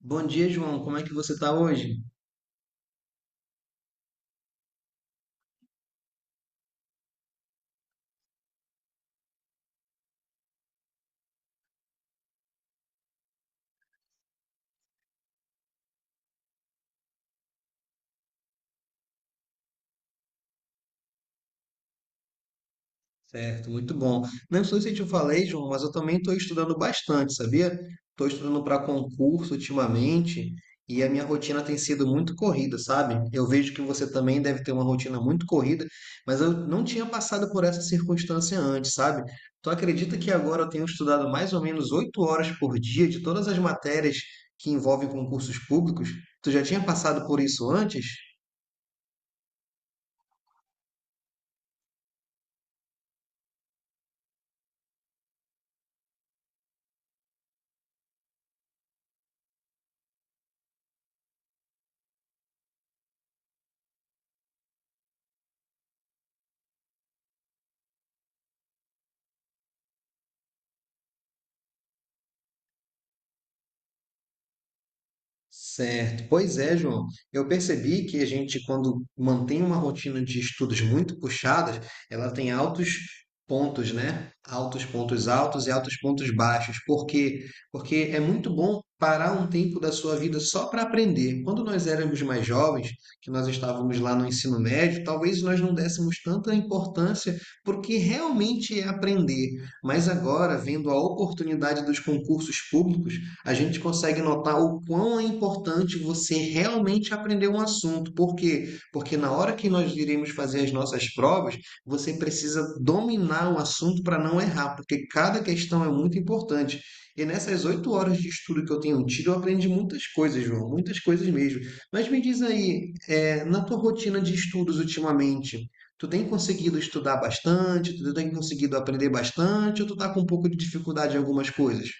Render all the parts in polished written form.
Bom dia, João. Como é que você está hoje? Certo, muito bom. Não sei se eu te falei, João, mas eu também estou estudando bastante, sabia? Estou estudando para concurso ultimamente e a minha rotina tem sido muito corrida, sabe? Eu vejo que você também deve ter uma rotina muito corrida, mas eu não tinha passado por essa circunstância antes, sabe? Tu acredita que agora eu tenho estudado mais ou menos 8 horas por dia de todas as matérias que envolvem concursos públicos? Tu já tinha passado por isso antes? Certo. Pois é, João. Eu percebi que a gente, quando mantém uma rotina de estudos muito puxadas, ela tem altos pontos, né? Altos pontos altos e altos pontos baixos. Por quê? Porque é muito bom parar um tempo da sua vida só para aprender. Quando nós éramos mais jovens, que nós estávamos lá no ensino médio, talvez nós não dessemos tanta importância porque realmente é aprender. Mas agora, vendo a oportunidade dos concursos públicos, a gente consegue notar o quão é importante você realmente aprender um assunto. Por quê? Porque na hora que nós iremos fazer as nossas provas, você precisa dominar o assunto para não errar, porque cada questão é muito importante. E nessas 8 horas de estudo que eu tenho tido, eu aprendi muitas coisas, João, muitas coisas mesmo. Mas me diz aí, na tua rotina de estudos ultimamente, tu tem conseguido estudar bastante? Tu tem conseguido aprender bastante? Ou tu tá com um pouco de dificuldade em algumas coisas?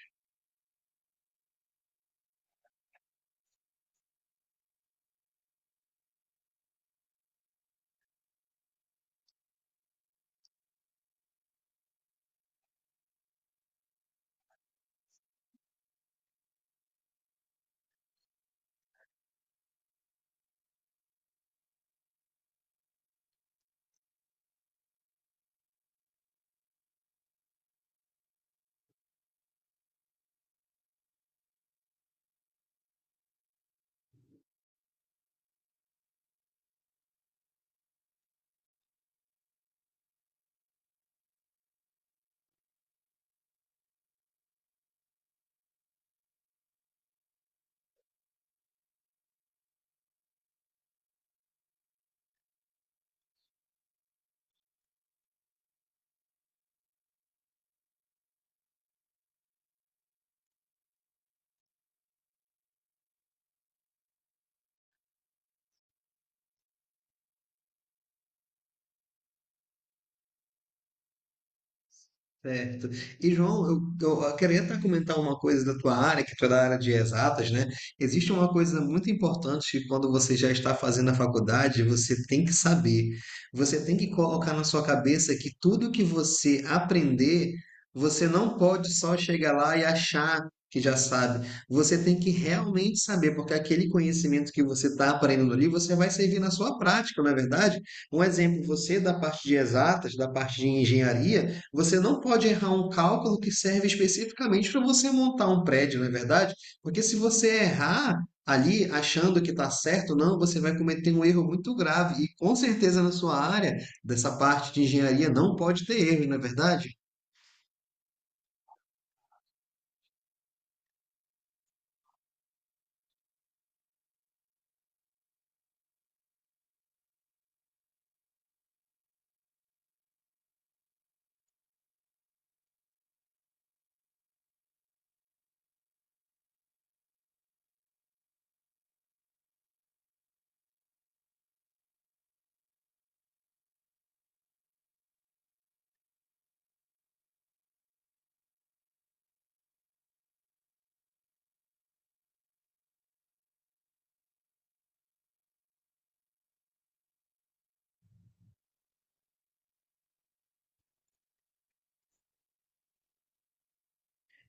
Certo. E, João, eu queria até comentar uma coisa da tua área, que tu é da área de exatas, né? Existe uma coisa muito importante que quando você já está fazendo a faculdade, você tem que saber. Você tem que colocar na sua cabeça que tudo que você aprender, você não pode só chegar lá e achar que já sabe. Você tem que realmente saber, porque aquele conhecimento que você está aprendendo ali, você vai servir na sua prática, não é verdade? Um exemplo, você da parte de exatas, da parte de engenharia, você não pode errar um cálculo que serve especificamente para você montar um prédio, não é verdade? Porque se você errar ali achando que está certo, não, você vai cometer um erro muito grave. E com certeza na sua área, dessa parte de engenharia, não pode ter erro, não é verdade?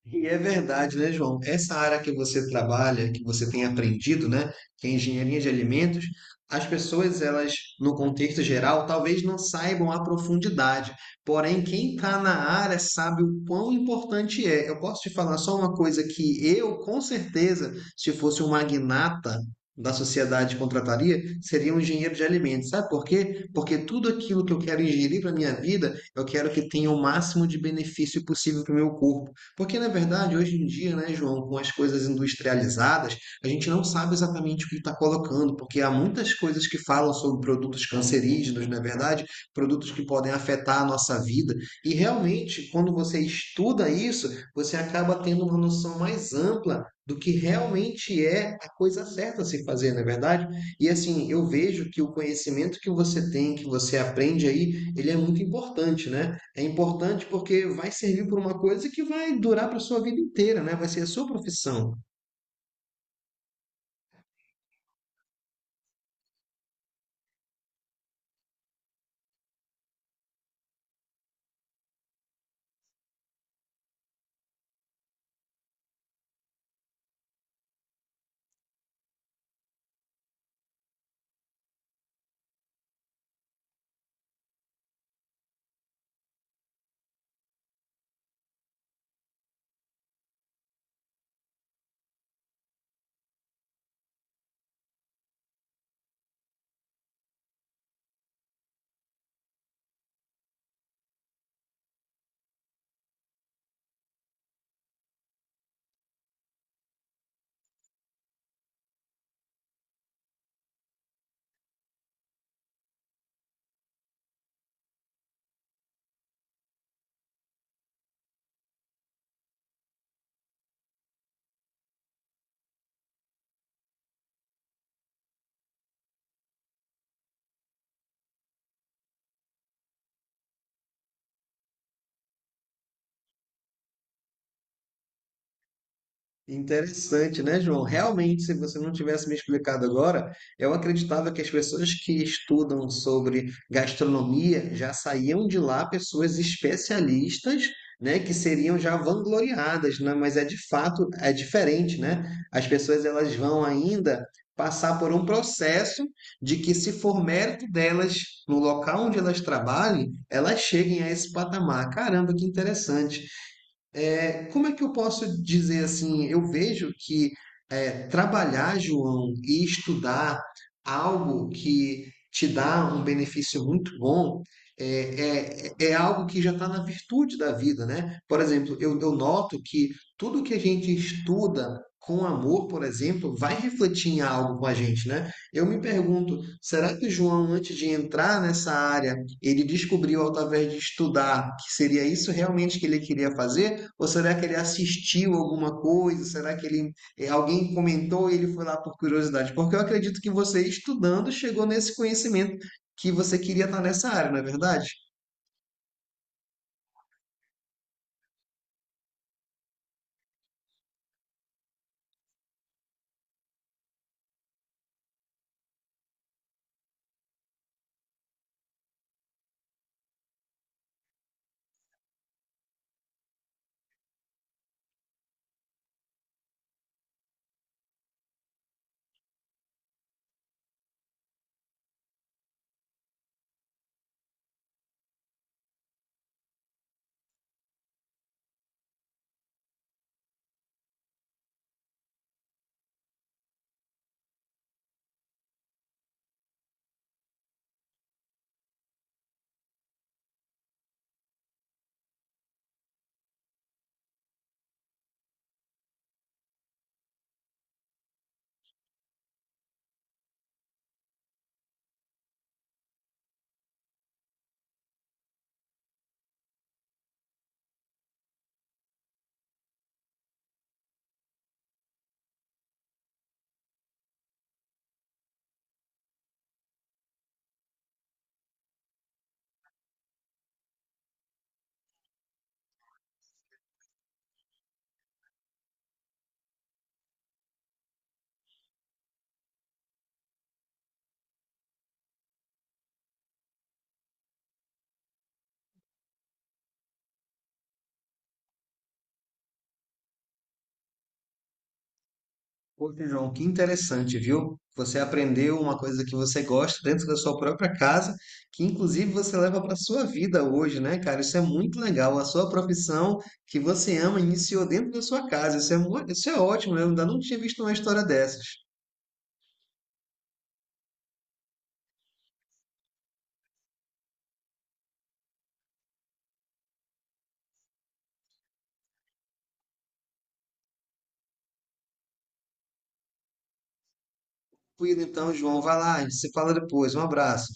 E é verdade, né, João? Essa área que você trabalha, que você tem aprendido, né, que é engenharia de alimentos, as pessoas, elas, no contexto geral, talvez não saibam a profundidade. Porém, quem está na área sabe o quão importante é. Eu posso te falar só uma coisa que eu, com certeza, se fosse um magnata da sociedade contrataria, seria um engenheiro de alimentos. Sabe por quê? Porque tudo aquilo que eu quero ingerir para minha vida, eu quero que tenha o máximo de benefício possível para o meu corpo. Porque, na verdade, hoje em dia, né, João, com as coisas industrializadas, a gente não sabe exatamente o que está colocando, porque há muitas coisas que falam sobre produtos cancerígenos, na verdade, produtos que podem afetar a nossa vida. E realmente, quando você estuda isso, você acaba tendo uma noção mais ampla do que realmente é a coisa certa a se fazer, na é verdade? E assim, eu vejo que o conhecimento que você tem, que você aprende aí, ele é muito importante, né? É importante porque vai servir para uma coisa que vai durar para a sua vida inteira, né? Vai ser a sua profissão. Interessante, né, João? Realmente, se você não tivesse me explicado agora, eu acreditava que as pessoas que estudam sobre gastronomia já saíam de lá pessoas especialistas, né, que seriam já vangloriadas, né? Mas é de fato é diferente, né? As pessoas elas vão ainda passar por um processo de que se for mérito delas no local onde elas trabalhem, elas cheguem a esse patamar. Caramba, que interessante é, como é que eu posso dizer assim? Eu vejo que trabalhar, João, e estudar algo que te dá um benefício muito bom é algo que já está na virtude da vida, né? Por exemplo, eu noto que tudo que a gente estuda com amor, por exemplo, vai refletir em algo com a gente, né? Eu me pergunto, será que o João, antes de entrar nessa área, ele descobriu através de estudar que seria isso realmente que ele queria fazer? Ou será que ele assistiu alguma coisa? Será que ele alguém comentou e ele foi lá por curiosidade? Porque eu acredito que você, estudando, chegou nesse conhecimento que você queria estar nessa área, não é verdade? Poxa, João, que interessante, viu? Você aprendeu uma coisa que você gosta dentro da sua própria casa, que inclusive você leva para a sua vida hoje, né, cara? Isso é muito legal. A sua profissão que você ama iniciou dentro da sua casa. Isso é ótimo, eu ainda não tinha visto uma história dessas. Fui, então, João, vai lá, a gente se fala depois. Um abraço.